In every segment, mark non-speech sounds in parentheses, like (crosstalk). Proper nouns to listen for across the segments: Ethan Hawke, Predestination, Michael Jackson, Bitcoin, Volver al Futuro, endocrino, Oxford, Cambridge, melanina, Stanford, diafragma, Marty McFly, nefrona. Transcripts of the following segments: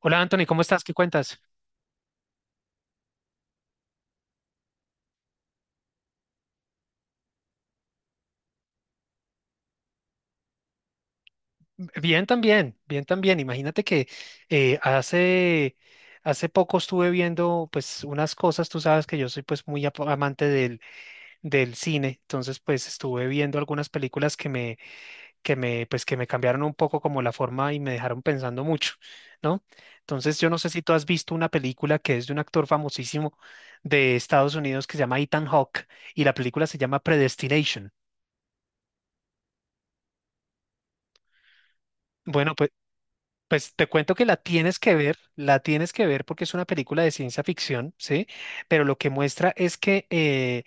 Hola Anthony, ¿cómo estás? ¿Qué cuentas? Bien también, bien también. Imagínate que eh, hace, hace poco estuve viendo pues unas cosas, tú sabes que yo soy pues muy amante del cine, entonces pues estuve viendo algunas películas pues que me cambiaron un poco como la forma y me dejaron pensando mucho, ¿no? Entonces yo no sé si tú has visto una película que es de un actor famosísimo de Estados Unidos que se llama Ethan Hawke y la película se llama Predestination. Bueno, pues te cuento que la tienes que ver, la tienes que ver porque es una película de ciencia ficción, ¿sí? Pero lo que muestra es que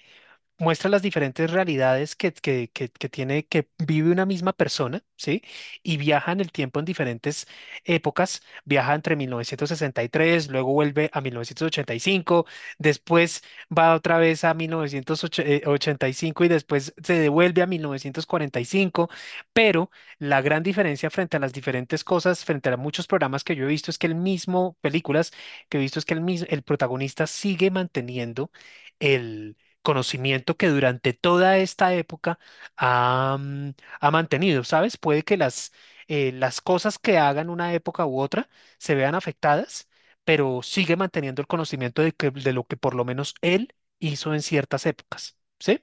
muestra las diferentes realidades que tiene, que vive una misma persona, ¿sí? Y viaja en el tiempo en diferentes épocas, viaja entre mil novecientos sesenta y tres, luego vuelve a mil novecientos ochenta y cinco, después va otra vez a mil novecientos ochenta y cinco y después se devuelve a mil novecientos cuarenta y cinco, pero la gran diferencia frente a las diferentes cosas, frente a muchos programas que yo he visto, es que el mismo, películas que he visto, es que el protagonista sigue manteniendo el conocimiento que durante toda esta época ha, mm, ha mantenido, ¿sabes? Puede que las cosas que hagan una época u otra se vean afectadas, pero sigue manteniendo el conocimiento de lo que por lo menos él hizo en ciertas épocas, ¿sí?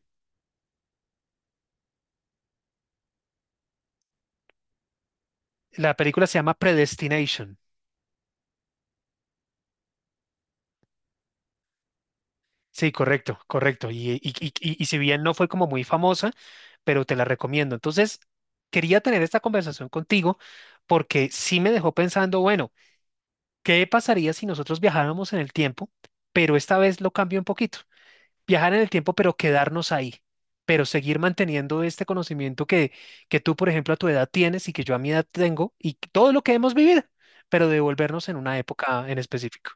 La película se llama Predestination. Sí, correcto, correcto. Y si bien no fue como muy famosa, pero te la recomiendo. Entonces, quería tener esta conversación contigo porque sí me dejó pensando, bueno, ¿qué pasaría si nosotros viajáramos en el tiempo, pero esta vez lo cambio un poquito? Viajar en el tiempo, pero quedarnos ahí, pero seguir manteniendo este conocimiento que tú, por ejemplo, a tu edad tienes y que yo a mi edad tengo todo lo que hemos vivido, pero devolvernos en una época en específico.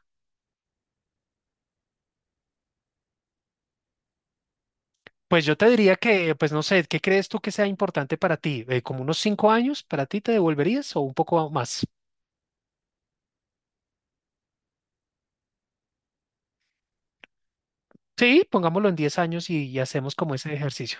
Pues yo te diría que, pues no sé, ¿qué crees tú que sea importante para ti? ¿Como unos cinco años para ti te devolverías o un poco más? Sí, pongámoslo en diez años y hacemos como ese ejercicio.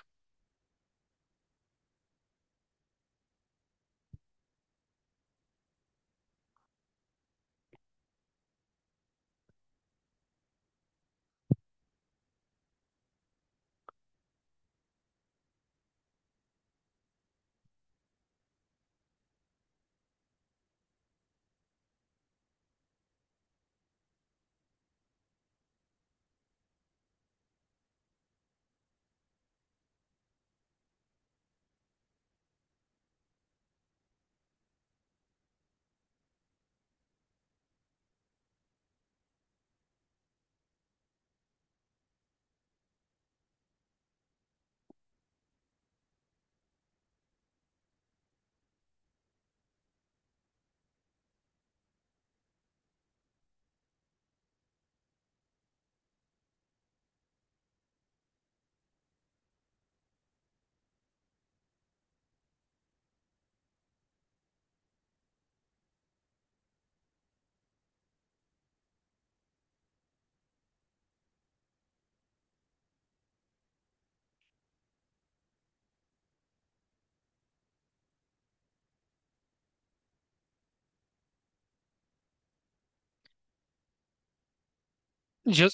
Yo,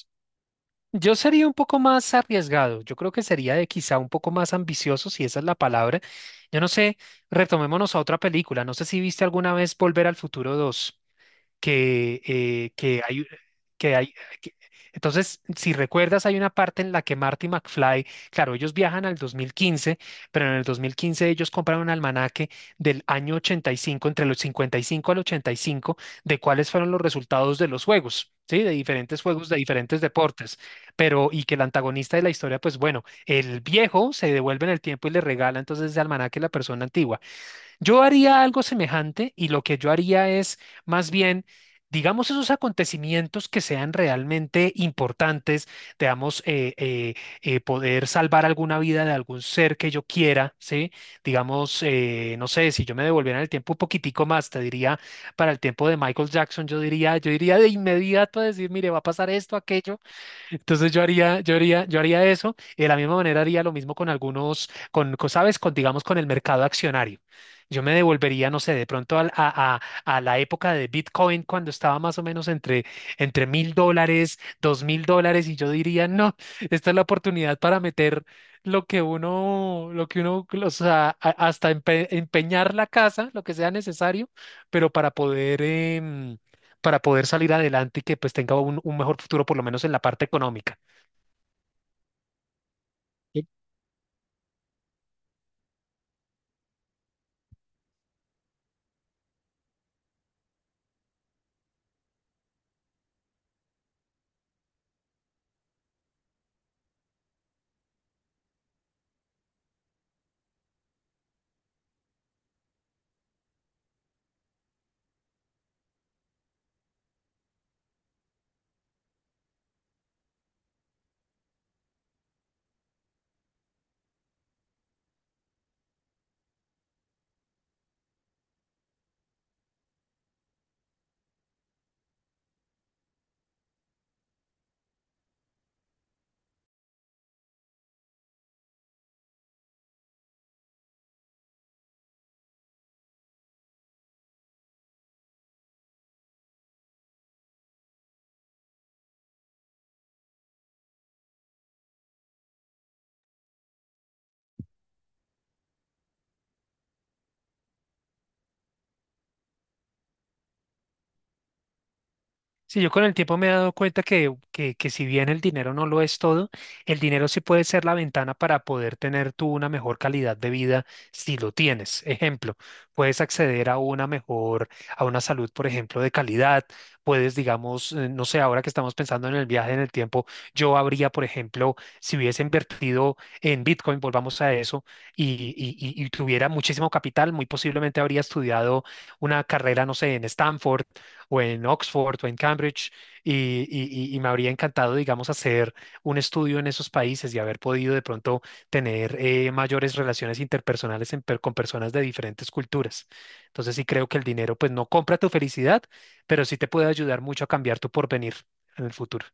Yo sería un poco más arriesgado, yo creo que sería de quizá un poco más ambicioso, si esa es la palabra. Yo no sé, retomémonos a otra película, no sé si viste alguna vez Volver al Futuro dos que, eh, que hay, que hay, que- entonces, si recuerdas, hay una parte en la que Marty McFly, claro, ellos viajan al 2015, pero en el 2015 ellos compran un almanaque del año 85, entre los 55 al 85, de cuáles fueron los resultados de los juegos, ¿sí? De diferentes juegos, de diferentes deportes, pero y que el antagonista de la historia, pues bueno, el viejo se devuelve en el tiempo y le regala entonces ese almanaque a la persona antigua. Yo haría algo semejante y lo que yo haría es más bien, digamos, esos acontecimientos que sean realmente importantes, digamos, poder salvar alguna vida de algún ser que yo quiera, ¿sí? Digamos, no sé, si yo me devolviera en el tiempo un poquitico más, te diría, para el tiempo de Michael Jackson, yo diría de inmediato a decir, mire, va a pasar esto, aquello. Entonces yo haría eso y de la misma manera haría lo mismo con algunos, ¿sabes? Con, digamos, con el mercado accionario. Yo me devolvería, no sé, de pronto a la época de Bitcoin cuando estaba más o menos entre mil dólares, dos mil dólares, y yo diría, no, esta es la oportunidad para meter lo que uno, o sea, hasta empeñar la casa, lo que sea necesario, pero para poder, para poder salir adelante y que pues tenga un mejor futuro, por lo menos en la parte económica. Sí, yo con el tiempo me he dado cuenta que, que si bien el dinero no lo es todo, el dinero sí puede ser la ventana para poder tener tú una mejor calidad de vida si lo tienes. Ejemplo, puedes acceder a una mejor, a una salud, por ejemplo, de calidad. Puedes, digamos, no sé, ahora que estamos pensando en el viaje en el tiempo, yo habría, por ejemplo, si hubiese invertido en Bitcoin, volvamos a eso, y tuviera muchísimo capital, muy posiblemente habría estudiado una carrera, no sé, en Stanford o en Oxford o en Cambridge y, y me habría encantado, digamos, hacer un estudio en esos países y haber podido de pronto tener mayores relaciones interpersonales con personas de diferentes culturas. Entonces sí creo que el dinero pues no compra tu felicidad, pero sí te puede ayudar mucho a cambiar tu porvenir en el futuro.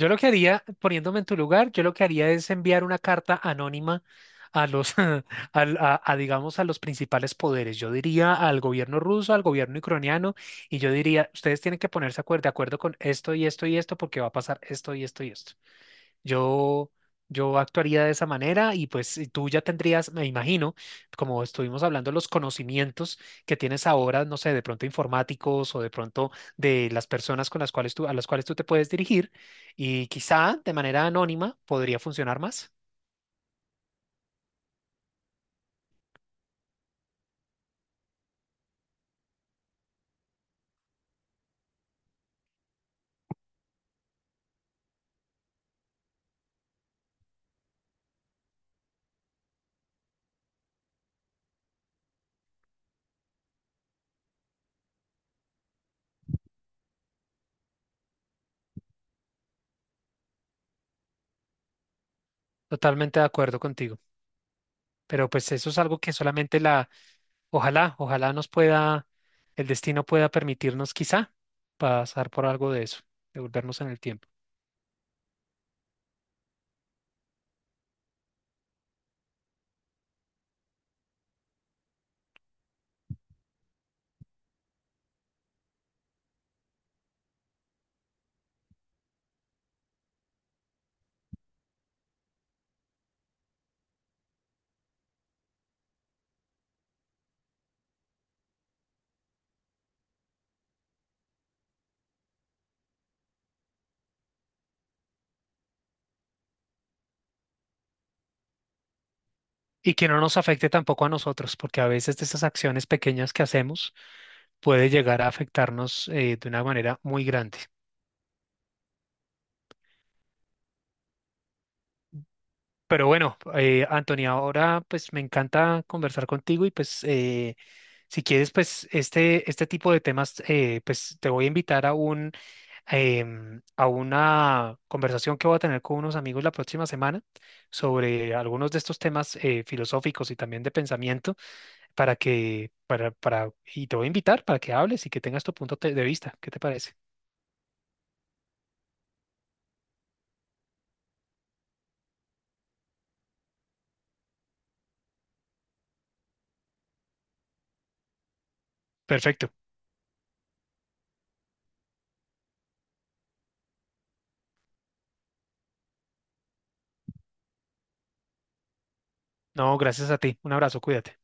Yo lo que haría, poniéndome en tu lugar, yo lo que haría es enviar una carta anónima a los, (laughs) a, digamos, a los principales poderes. Yo diría al gobierno ruso, al gobierno ucraniano, y yo diría, ustedes tienen que ponerse de acuerdo con esto y esto y esto porque va a pasar esto y esto y esto. Yo, yo actuaría de esa manera y pues y tú ya tendrías, me imagino, como estuvimos hablando, los conocimientos que tienes ahora, no sé, de pronto informáticos o de pronto de las personas con las cuales tú, a las cuales tú te puedes dirigir, y quizá de manera anónima podría funcionar más. Totalmente de acuerdo contigo, pero pues eso es algo que solamente la, ojalá, ojalá nos pueda, el destino pueda permitirnos quizá pasar por algo de eso, devolvernos en el tiempo. Y que no nos afecte tampoco a nosotros, porque a veces de esas acciones pequeñas que hacemos puede llegar a afectarnos de una manera muy grande. Pero bueno, Antonia, ahora pues me encanta conversar contigo y pues si quieres pues este tipo de temas pues te voy a invitar a un a una conversación que voy a tener con unos amigos la próxima semana sobre algunos de estos temas filosóficos y también de pensamiento, para, y te voy a invitar para que hables y que tengas tu punto de vista. ¿Qué te parece? Perfecto. No, gracias a ti. Un abrazo, cuídate.